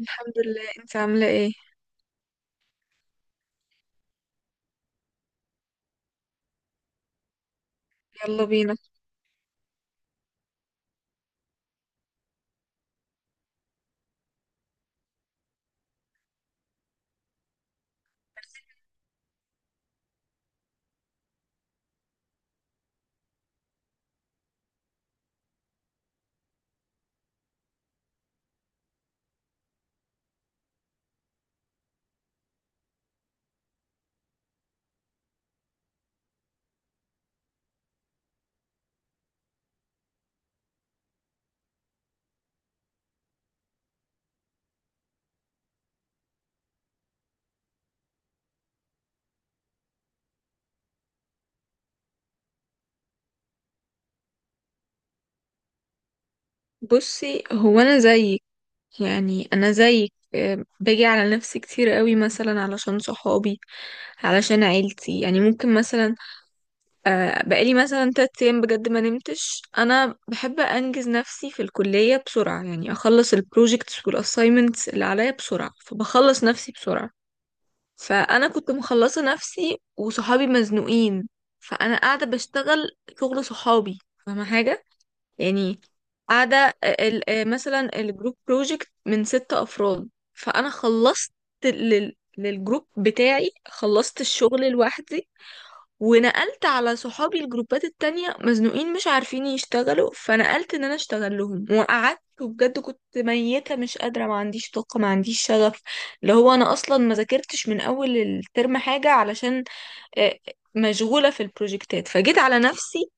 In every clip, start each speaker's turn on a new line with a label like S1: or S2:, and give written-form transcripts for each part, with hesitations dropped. S1: الحمد لله، انت عاملة ايه؟ يلا بينا. بصي، هو انا زيك. يعني انا زيك، باجي على نفسي كتير قوي، مثلا علشان صحابي، علشان عيلتي. يعني ممكن مثلا بقالي مثلا تلات ايام بجد ما نمتش. انا بحب انجز نفسي في الكلية بسرعة، يعني اخلص البروجيكتس والاساينمنتس اللي عليا بسرعة، فبخلص نفسي بسرعة. فانا كنت مخلصة نفسي وصحابي مزنوقين، فانا قاعدة بشتغل شغل صحابي. فاهمة حاجة؟ يعني قاعدة مثلا الجروب بروجكت من ست أفراد، فأنا خلصت للجروب بتاعي، خلصت الشغل لوحدي. ونقلت على صحابي، الجروبات التانية مزنوقين مش عارفين يشتغلوا، فنقلت ان انا اشتغل لهم وقعدت. وبجد كنت ميتة، مش قادرة، ما عنديش طاقة، ما عنديش شغف، اللي هو انا اصلا ما ذاكرتش من اول الترم حاجة علشان آه، مشغولة في البروجكتات. فجيت على نفسي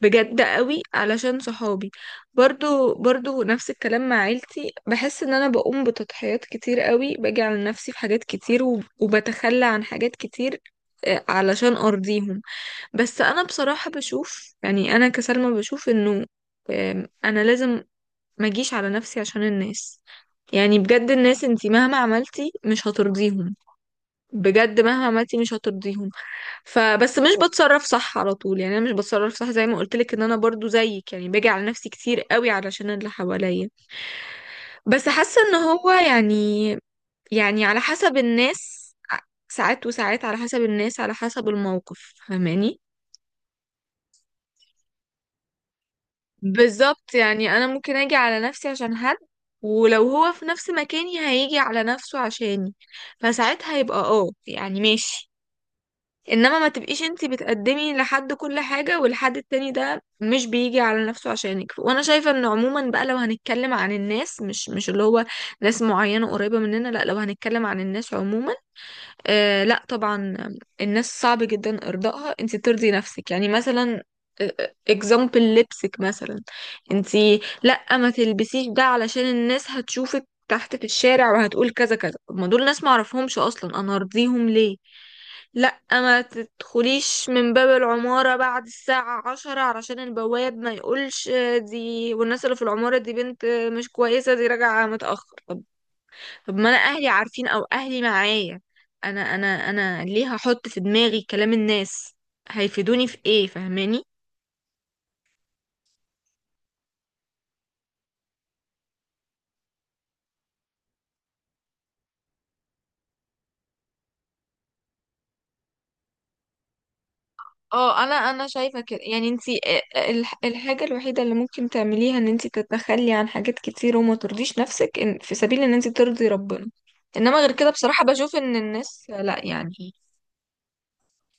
S1: بجد قوي علشان صحابي. برضو نفس الكلام مع عيلتي، بحس ان انا بقوم بتضحيات كتير قوي، باجي على نفسي في حاجات كتير وبتخلى عن حاجات كتير علشان ارضيهم. بس انا بصراحة بشوف، يعني انا كسلمى بشوف انه انا لازم ما اجيش على نفسي عشان الناس. يعني بجد الناس، انتي مهما عملتي مش هترضيهم، بجد مهما عملتي مش هترضيهم. فبس مش بتصرف صح على طول. يعني انا مش بتصرف صح، زي ما قلت لك ان انا برضو زيك، يعني باجي على نفسي كتير قوي علشان اللي حواليا. بس حاسه ان هو، يعني يعني على حسب الناس، ساعات وساعات على حسب الناس، على حسب الموقف. فاهماني؟ بالظبط، يعني انا ممكن اجي على نفسي عشان حد، ولو هو في نفس مكاني هيجي على نفسه عشاني، فساعتها يبقى اه يعني ماشي. انما ما تبقيش انتي بتقدمي لحد كل حاجة والحد التاني ده مش بيجي على نفسه عشانك. وانا شايفة ان عموما بقى، لو هنتكلم عن الناس، مش اللي هو ناس معينة قريبة مننا، لا، لو هنتكلم عن الناس عموما، آه لا طبعا. الناس صعب جدا ارضائها. انت ترضي نفسك، يعني مثلا اكزامبل لبسك مثلا. انت، لا ما تلبسيش ده علشان الناس هتشوفك تحت في الشارع وهتقول كذا كذا. طب ما دول ناس ما اعرفهمش اصلا، انا ارضيهم ليه؟ لا ما تدخليش من باب العمارة بعد الساعة عشرة علشان البواب ما يقولش دي والناس اللي في العمارة دي بنت مش كويسة، دي راجعة متأخر. طب طب ما انا اهلي عارفين او اهلي معايا، انا ليه هحط في دماغي كلام الناس؟ هيفيدوني في ايه؟ فاهماني؟ اه انا، شايفه كده. يعني انتي الحاجه الوحيده اللي ممكن تعمليها ان انتي تتخلي عن حاجات كتير وما ترضيش نفسك، إن في سبيل ان انتي ترضي ربنا. انما غير كده بصراحه بشوف ان الناس لا يعني.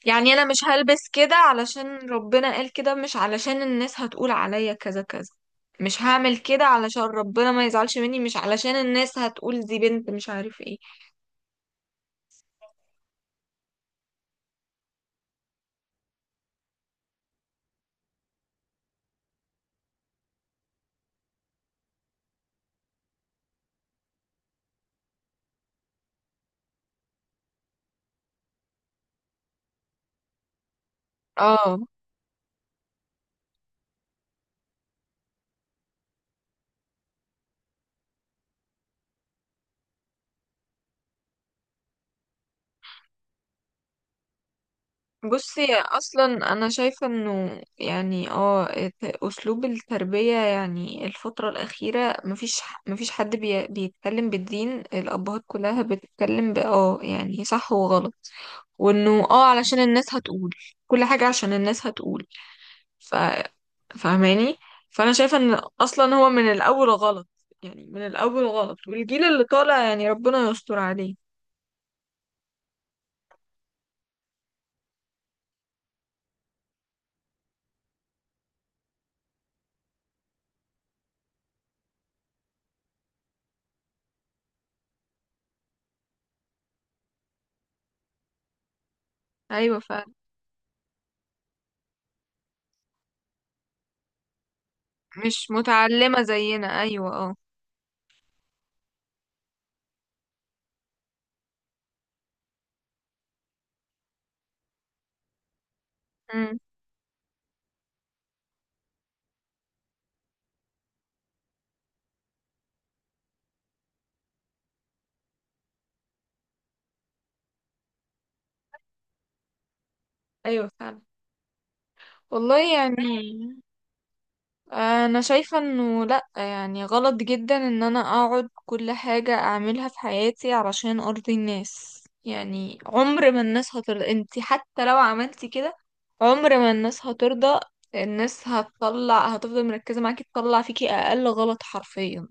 S1: يعني انا مش هلبس كده علشان ربنا قال كده، مش علشان الناس هتقول عليا كذا كذا. مش هعمل كده علشان ربنا ما يزعلش مني، مش علشان الناس هتقول دي بنت مش عارف ايه. اه بصي اصلا، انا شايفة انه يعني اه اسلوب التربية يعني الفترة الاخيرة مفيش حد بيتكلم بالدين. الابهات كلها بتتكلم اه يعني صح وغلط، وانه اه علشان الناس هتقول، كل حاجة عشان الناس هتقول. ف فاهماني؟ فانا شايفه ان اصلا هو من الاول غلط. يعني من الاول غلط، والجيل اللي طالع يعني ربنا يستر عليه. ايوه فعلا. مش متعلمه زينا، ايوه اه. امم. ايوه فعلا. والله يعني، انا شايفة انه لا يعني غلط جدا ان انا اقعد كل حاجة اعملها في حياتي علشان ارضي الناس. يعني عمر ما الناس هترضى، انت حتى لو عملتي كده، عمر ما الناس هترضى. الناس هتطلع، هتفضل مركزة معاكي تطلع فيكي اقل غلط حرفيا.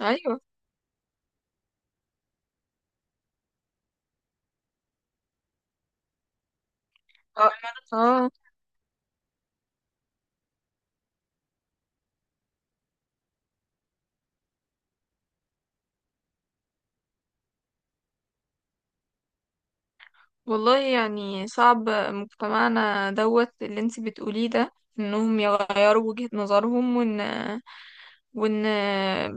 S1: ايوه اه. والله يعني صعب مجتمعنا دوت اللي انت بتقوليه ده، انهم يغيروا وجهة نظرهم وان وان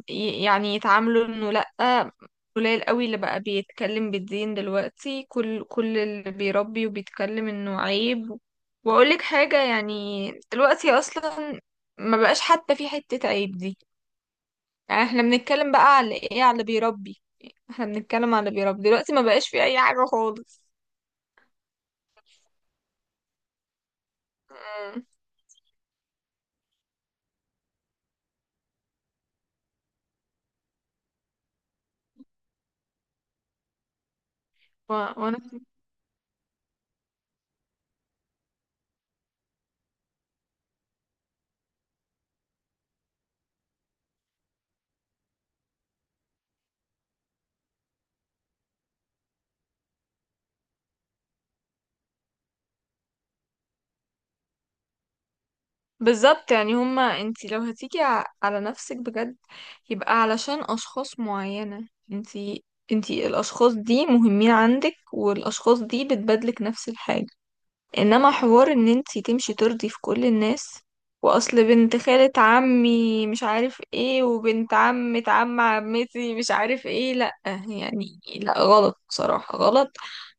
S1: يعني يتعاملوا انه لأ. قليل قوي اللي بقى بيتكلم بالدين دلوقتي، كل اللي بيربي وبيتكلم انه عيب. واقولك حاجة، يعني دلوقتي اصلا ما بقاش حتى في حتة عيب دي. يعني احنا بنتكلم بقى على ايه؟ على اللي بيربي. احنا بنتكلم على اللي بيربي دلوقتي، ما بقاش في اي حاجة خالص. و- وانا بالظبط. يعني هما انتي لو هتيجي على نفسك بجد، يبقى علشان اشخاص معينة. انتي الاشخاص دي مهمين عندك، والاشخاص دي بتبادلك نفس الحاجة. انما حوار ان انتي تمشي ترضي في كل الناس، واصل بنت خالة عمي مش عارف ايه، وبنت عمة عم عمتي مش عارف ايه، لا. يعني لا غلط بصراحة، غلط.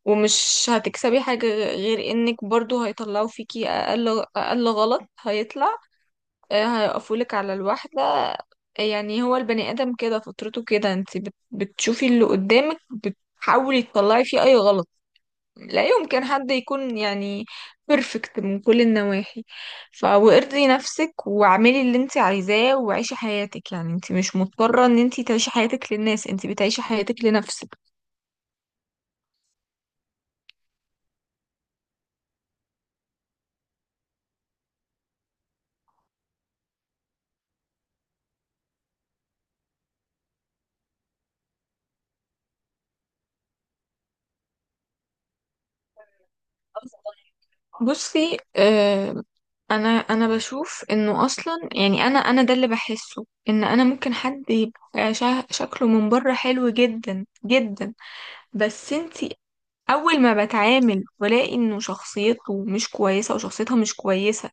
S1: ومش هتكسبي حاجة غير انك برضو هيطلعوا فيكي اقل غلط. هيطلع هيقفولك على الواحدة. يعني هو البني ادم كده فطرته كده، انت بتشوفي اللي قدامك بتحاولي تطلعي فيه اي غلط. لا يمكن حد يكون يعني بيرفكت من كل النواحي. وارضي نفسك واعملي اللي انت عايزاه وعيشي حياتك. يعني انت مش مضطرة ان انت تعيشي حياتك للناس، انت بتعيشي حياتك لنفسك. بصي آه، انا بشوف انه اصلا يعني، انا ده اللي بحسه، ان انا ممكن حد يبقى شكله من بره حلو جدا جدا، بس انت اول ما بتعامل والاقي انه شخصيته مش كويسة وشخصيتها مش كويسة،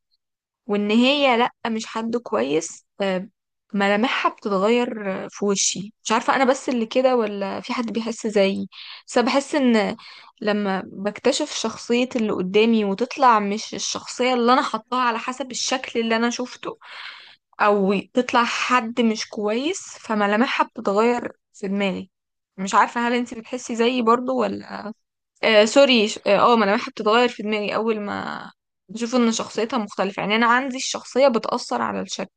S1: وان هي لا مش حد كويس، ملامحها بتتغير في وشي. مش عارفة انا بس اللي كده ولا في حد بيحس زيي، بس أنا بحس ان لما بكتشف شخصية اللي قدامي وتطلع مش الشخصية اللي انا حطاها على حسب الشكل اللي انا شفته، او تطلع حد مش كويس، فملامحها بتتغير في دماغي. مش عارفة هل انتي بتحسي زيي برضو ولا. آه سوري، ما انا بحب تتغير في دماغي اول ما بشوف ان شخصيتها مختلفة. يعني انا عندي الشخصية بتأثر على الشكل.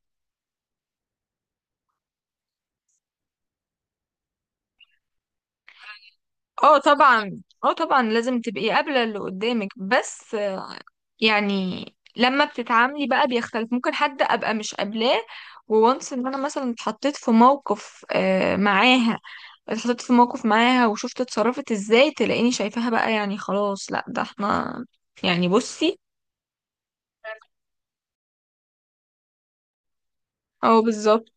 S1: اه طبعا، اه طبعا لازم تبقي قابلة اللي قدامك، بس يعني لما بتتعاملي بقى بيختلف. ممكن حد ابقى مش قابلاه وونس ان انا مثلا اتحطيت في موقف معاها، اتحطيت في موقف معاها وشفت اتصرفت ازاي، تلاقيني شايفاها بقى يعني خلاص لا ده احنا يعني. بصي اه بالظبط.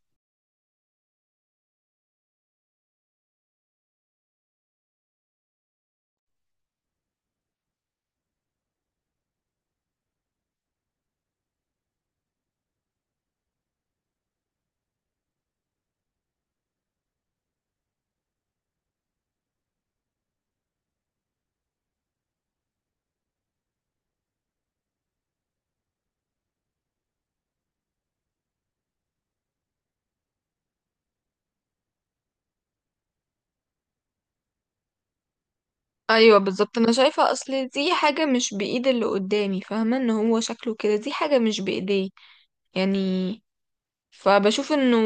S1: ايوه بالظبط، انا شايفه اصل دي حاجه مش بايد اللي قدامي، فاهمه ان هو شكله كده دي حاجه مش بايديه يعني. فبشوف انه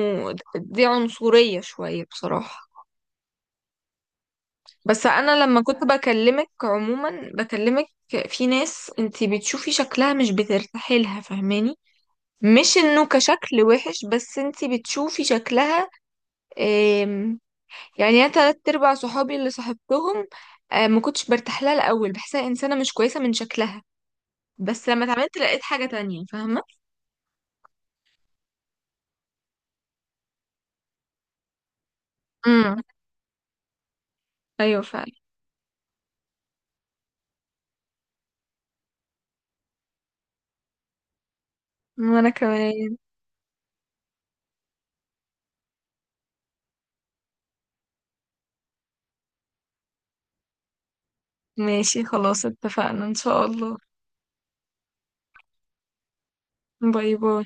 S1: دي عنصريه شويه بصراحه. بس انا لما كنت بكلمك عموما بكلمك، في ناس انتي بتشوفي شكلها مش بترتاحي لها. فاهماني؟ مش انه كشكل وحش، بس انتي بتشوفي شكلها. آم، يعني انا تلات ارباع صحابي اللي صاحبتهم ما كنتش برتاح لها الاول، بحسها انسانه مش كويسه من شكلها، بس لما اتعملت لقيت حاجة تانية. فاهمة؟ امم. ايوه فعلا. وانا كمان. ماشي خلاص، اتفقنا ان شاء الله. باي باي.